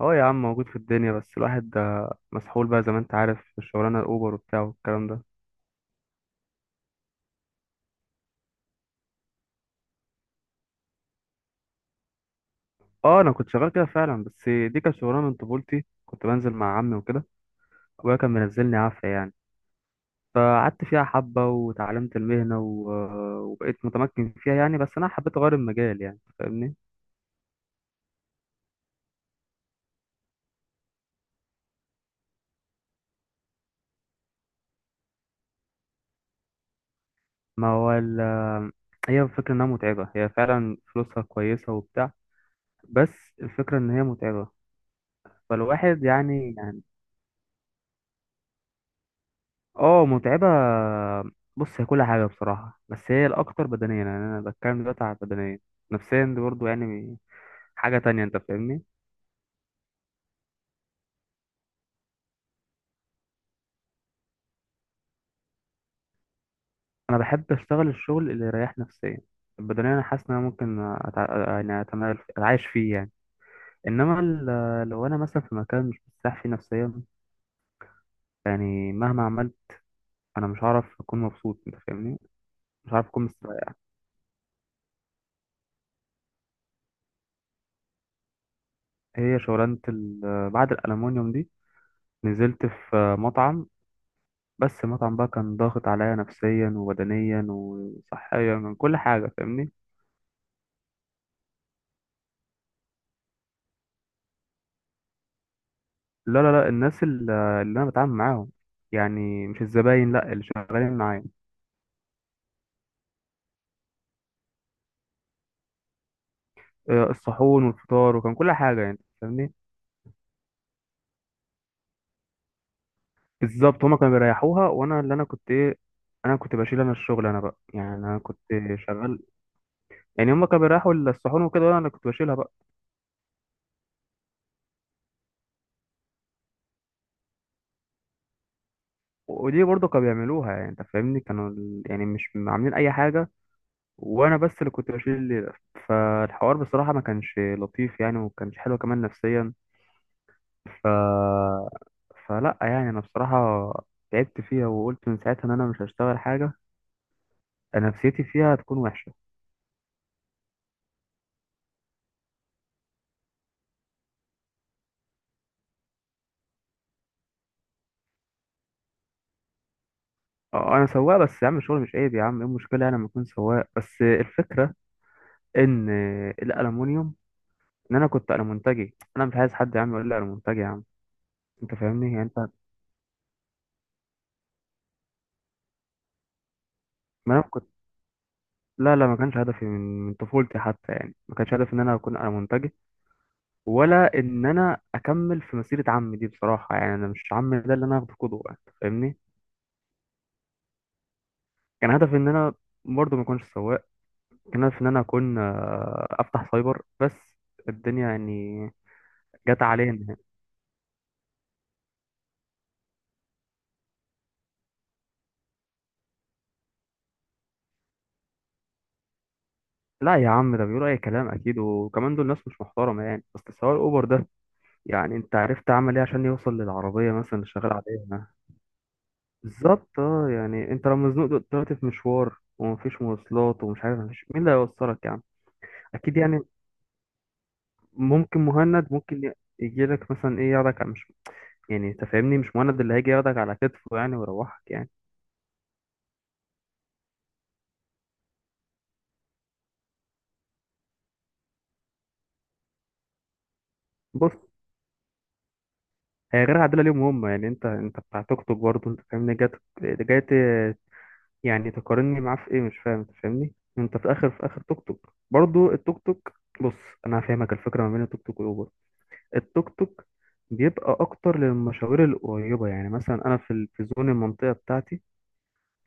اه يا عم، موجود في الدنيا. بس الواحد ده مسحول بقى زي ما انت عارف في الشغلانه، الاوبر وبتاع والكلام ده. اه انا كنت شغال كده فعلا، بس دي كانت شغلانه من طفولتي، كنت بنزل مع عمي وكده. ابويا كان منزلني عافيه يعني. فقعدت فيها حبه وتعلمت المهنه وبقيت متمكن فيها يعني. بس انا حبيت اغير المجال، يعني فاهمني. ما هو ال... هي الفكره انها متعبه. هي فعلا فلوسها كويسه وبتاع، بس الفكره ان هي متعبه. فالواحد يعني. اه، متعبة. بص، هي كل حاجة بصراحة، بس هي الأكتر بدنيا، يعني أنا بتكلم دلوقتي على البدنية. نفسيا دي برضه يعني حاجة تانية، أنت فاهمني. أنا بحب أشتغل الشغل اللي يريح نفسيا. البدنية أنا حاسس إن أنا ممكن أتعايش فيه يعني. إنما لو أنا مثلا في مكان مش مرتاح فيه نفسيا، يعني مهما عملت، أنا مش هعرف أكون مبسوط، أنت فاهمني. مش هعرف أكون مستريح. هي شغلانة ال... بعد الألمونيوم دي نزلت في مطعم، بس المطعم بقى كان ضاغط عليا نفسيا وبدنيا وصحيا من كل حاجة، فاهمني. لا لا لا، الناس اللي أنا بتعامل معاهم، يعني مش الزباين، لا، اللي شغالين معايا. آه، الصحون والفطار وكان كل حاجة يعني، فاهمني. بالظبط، هما كانوا بيريحوها وأنا اللي أنا كنت إيه، أنا كنت بشيل أنا الشغل أنا بقى، يعني أنا كنت شغال. يعني هما كانوا بيريحوا الصحون وكده، وأنا اللي كنت بشيلها بقى. ودي برضه كانوا بيعملوها يعني، أنت فاهمني، كانوا يعني مش عاملين أي حاجة، وانا بس اللي كنت بشيل الليله. فالحوار بصراحه ما كانش لطيف يعني، وما كانش حلو كمان نفسيا. ف فلا يعني انا بصراحه تعبت فيها، وقلت من ساعتها ان انا مش هشتغل حاجه. أنا نفسيتي فيها هتكون وحشه. اه انا سواق، بس يا عم الشغل مش عيب يا عم، ايه المشكله يعني لما اكون سواق؟ بس الفكره ان الالومنيوم، ان انا كنت المونتاجي، انا مش عايز حد يا عم يقول لي المونتاجي يا عم، انت فاهمني يعني انت. ما انا كنت لا لا، ما كانش هدفي من من طفولتي حتى، يعني ما كانش هدفي ان انا اكون المونتاجي، ولا ان انا اكمل في مسيره عمي دي بصراحه. يعني انا مش عمي ده اللي انا اخده قدوه، انت فاهمني. كان هدفي ان انا برضه ما اكونش سواق. كان هدفي ان انا اكون افتح سايبر بس. الدنيا يعني جت علينا. لا يا عم، ده بيقولوا اي كلام اكيد، وكمان دول ناس مش محترمه يعني. بس سواق الاوبر ده، يعني انت عرفت عمل ايه عشان يوصل للعربيه مثلا اللي شغال عليها؟ بالظبط اه. يعني انت لو مزنوق دلوقتي في مشوار، ومفيش مواصلات، ومش عارف، مفيش مين اللي هيوصلك يعني. اكيد يعني. ممكن مهند ممكن يجي لك مثلا ايه ياخدك مش، يعني انت فاهمني مش مهند اللي هيجي ياخدك على كتفه يعني ويروحك يعني. بص، هي غير عادله ليهم هم. يعني انت انت بتاع توك توك برضه، انت فاهمني. جاي ت- يعني تقارني معاه في ايه مش فاهم؟ انت فاهمني، انت في اخر في اخر توك توك برضه، التوك توك. بص، انا هفهمك الفكره ما بين التوك توك والاوبر. التوك توك بيبقى اكتر للمشاوير القريبه، يعني مثلا انا في في زون المنطقه بتاعتي،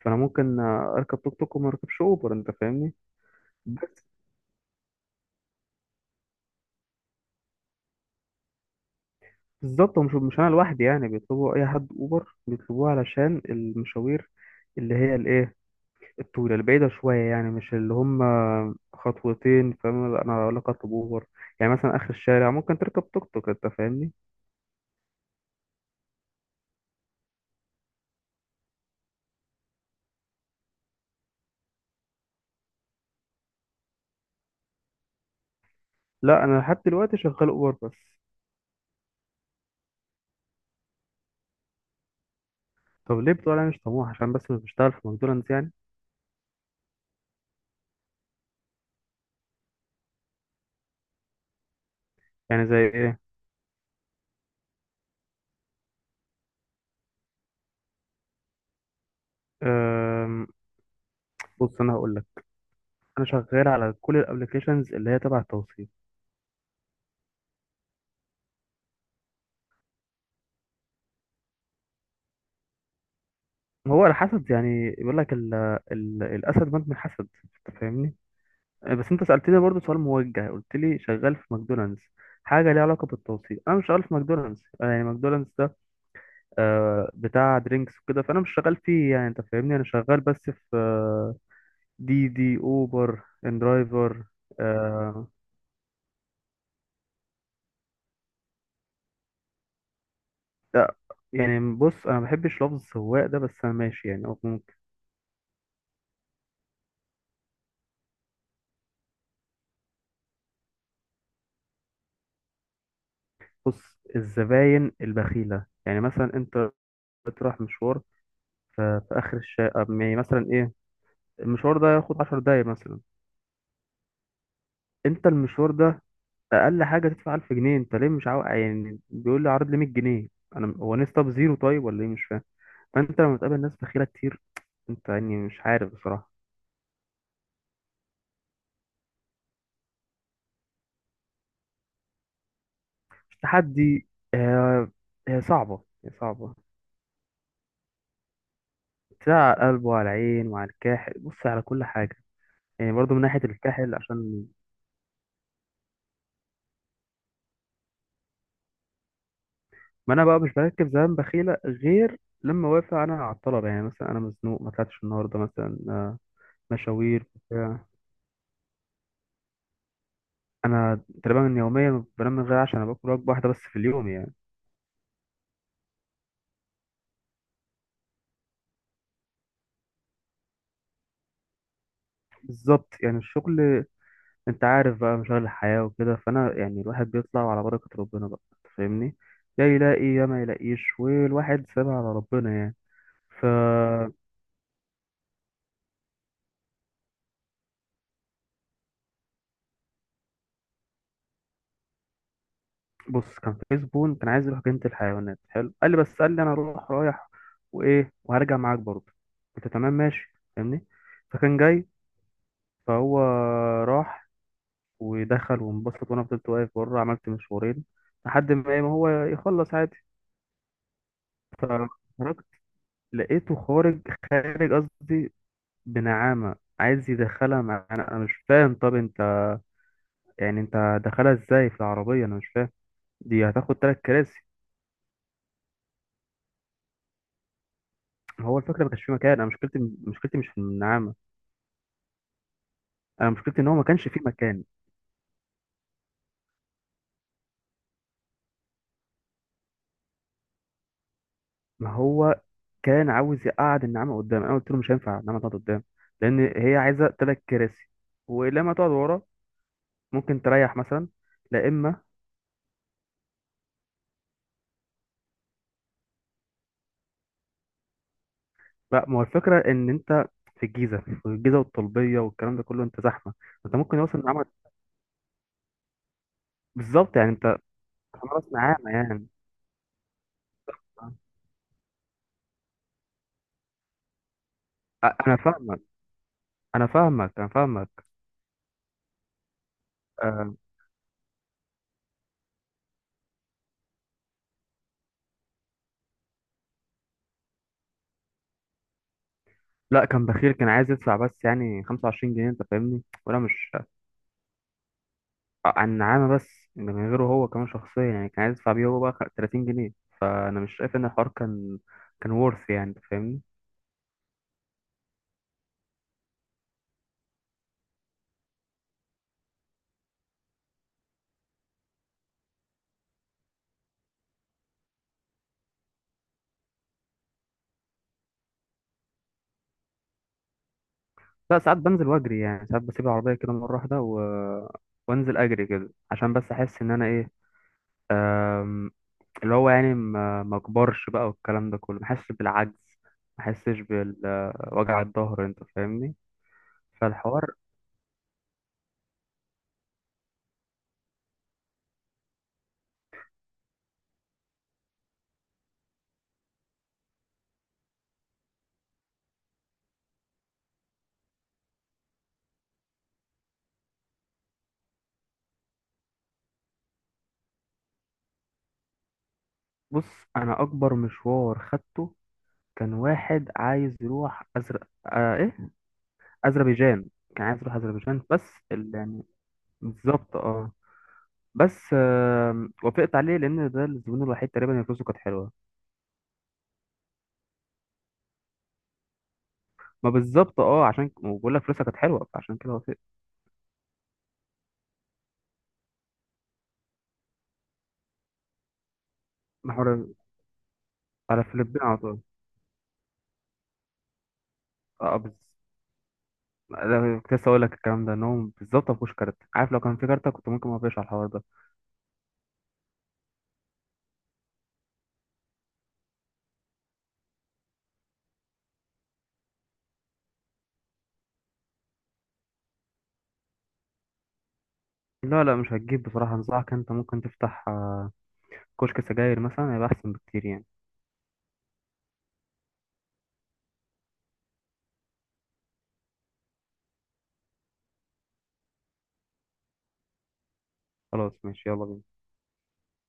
فانا ممكن اركب توك توك وما اركبش اوبر، انت فاهمني. بالظبط. ومش مش انا لوحدي، يعني بيطلبوا اي حد اوبر بيطلبوه علشان المشاوير اللي هي الايه، الطويله البعيده شويه، يعني مش اللي هم خطوتين، فاهم؟ لا، انا اقول لك اطلب اوبر، يعني مثلا اخر الشارع ممكن تركب توك توك، انت فاهمني. لا، انا لحد دلوقتي شغال اوبر بس. طب ليه بتقول انا مش طموح؟ عشان بس مش بشتغل في ماكدونالدز يعني؟ يعني زي ايه؟ أم... بص انا هقول لك، انا شغال على كل الابلكيشنز اللي هي تبع التوصيل. هو الحسد يعني، بيقول لك الاسد مات من الحسد، انت فاهمني. آه، بس انت سألتني برضو سؤال موجه، قلت لي شغال في ماكدونالدز حاجة ليها علاقة بالتوصيل. انا مش شغال في ماكدونالدز. انا يعني ماكدونالدز ده، آه، بتاع درينكس وكده، فانا مش شغال فيه يعني، انت فاهمني. انا شغال بس في آه، دي دي، اوبر، ان درايفر. آه، يعني بص، انا ما بحبش لفظ السواق ده، بس انا ماشي يعني أو ممكن. بص، الزباين البخيلة، يعني مثلا انت بتروح مشوار في اخر الشارع، يعني مثلا ايه، المشوار ده ياخد 10 دقايق مثلا. انت المشوار ده اقل حاجه تدفع 1000 جنيه، انت ليه مش عاوز؟ يعني بيقول لي عرض لي 100 جنيه، انا هو ناس طب زيرو طيب ولا ايه، مش فاهم. فانت لما تقابل ناس بخيله كتير، انت يعني مش عارف بصراحه. التحدي، هي هي صعبه، هي صعبه. تلاقي على القلب وعلى العين وعلى الكاحل، بص، على كل حاجه. يعني برضو من ناحيه الكاحل عشان، ما انا بقى مش بركب زمان بخيله غير لما وافق انا على الطلب، يعني مثلا انا مزنوق، ما طلعتش النهارده مثلا، آه، مشاوير بتاع. انا تقريبا يوميا بنام من غير، عشان انا باكل وجبه واحده بس في اليوم يعني. بالظبط، يعني الشغل، انت عارف بقى مشاغل الحياة وكده، فانا يعني الواحد بيطلع على بركة ربنا بقى، انت فاهمني. يا يلاقي يا ما يلاقيش، والواحد سابها على ربنا يعني. ف بص، كان في زبون كان عايز يروح جنينة الحيوانات، حلو، قال لي، بس قال لي انا اروح رايح وايه وهرجع معاك برضه. قلت تمام ماشي، فاهمني. فكان جاي، فهو راح ودخل وانبسط، وانا فضلت واقف بره، عملت مشوارين لحد ما ايه، ما هو يخلص عادي. ف لقيته خارج، خارج قصدي بنعامة، عايز يدخلها معانا. انا مش فاهم، طب انت يعني انت دخلها ازاي في العربية؟ انا مش فاهم. دي هتاخد تلات كراسي. هو الفكرة ما كانش فيه مكان. انا مشكلتي، مشكلتي مش في النعامة. انا مشكلتي ان هو ما كانش فيه مكان. ما هو كان عاوز يقعد النعامة قدام، انا قلت له مش هينفع النعامة تقعد قدام، لان هي عايزة تلات كراسي. ولما تقعد ورا ممكن تريح مثلا، لا اما لا. ما هو الفكرة إن أنت في الجيزة، في الجيزة والطلبية والكلام ده كله، أنت زحمة. أنت ممكن يوصل نعمة، بالظبط يعني. أنت خلاص، نعامة يعني. أنا فاهمك، أنا فاهمك، أنا فاهمك. أه. لا كان بخيل، كان عايز يدفع بس يعني 25 جنيه، أنت فاهمني، وأنا مش، عن نعامة بس، ده من غيره هو كمان شخصيا، يعني كان عايز يدفع بيه هو بقى 30 جنيه. فأنا مش شايف إن الحوار كان كان ورث، يعني أنت فاهمني. لا، ساعات بنزل وأجري، يعني ساعات بسيب العربية كده مرة واحدة وانزل اجري كده، عشان بس احس ان انا إيه، أم، اللي هو يعني ما ما كبرش بقى والكلام ده كله، ما حسش بالعجز، ما حسش بالوجع الظهر، انت فاهمني. فالحوار. بص، انا اكبر مشوار خدته كان واحد عايز يروح أزر... آه ايه اذربيجان. كان عايز يروح اذربيجان، بس يعني بالظبط اه. بس وافقت عليه لان ده الزبون الوحيد تقريبا اللي فلوسه كانت حلوه. ما بالظبط اه، عشان بقول لك فلوسها كانت حلوه، فعشان كده وافقت. محور، على فلبين على طول. اه بالظبط. لا كنت لسه اقول لك الكلام ده، ان هو بالظبط ما فيهوش كارت، عارف، لو كان في كارت كنت ممكن ما اقفش على الحوار ده. لا لا، مش هتجيب بصراحه. انصحك انت ممكن تفتح آه، كشك سجاير مثلا، هيبقى احسن بكتير يعني. خلاص ماشي، يلا بينا.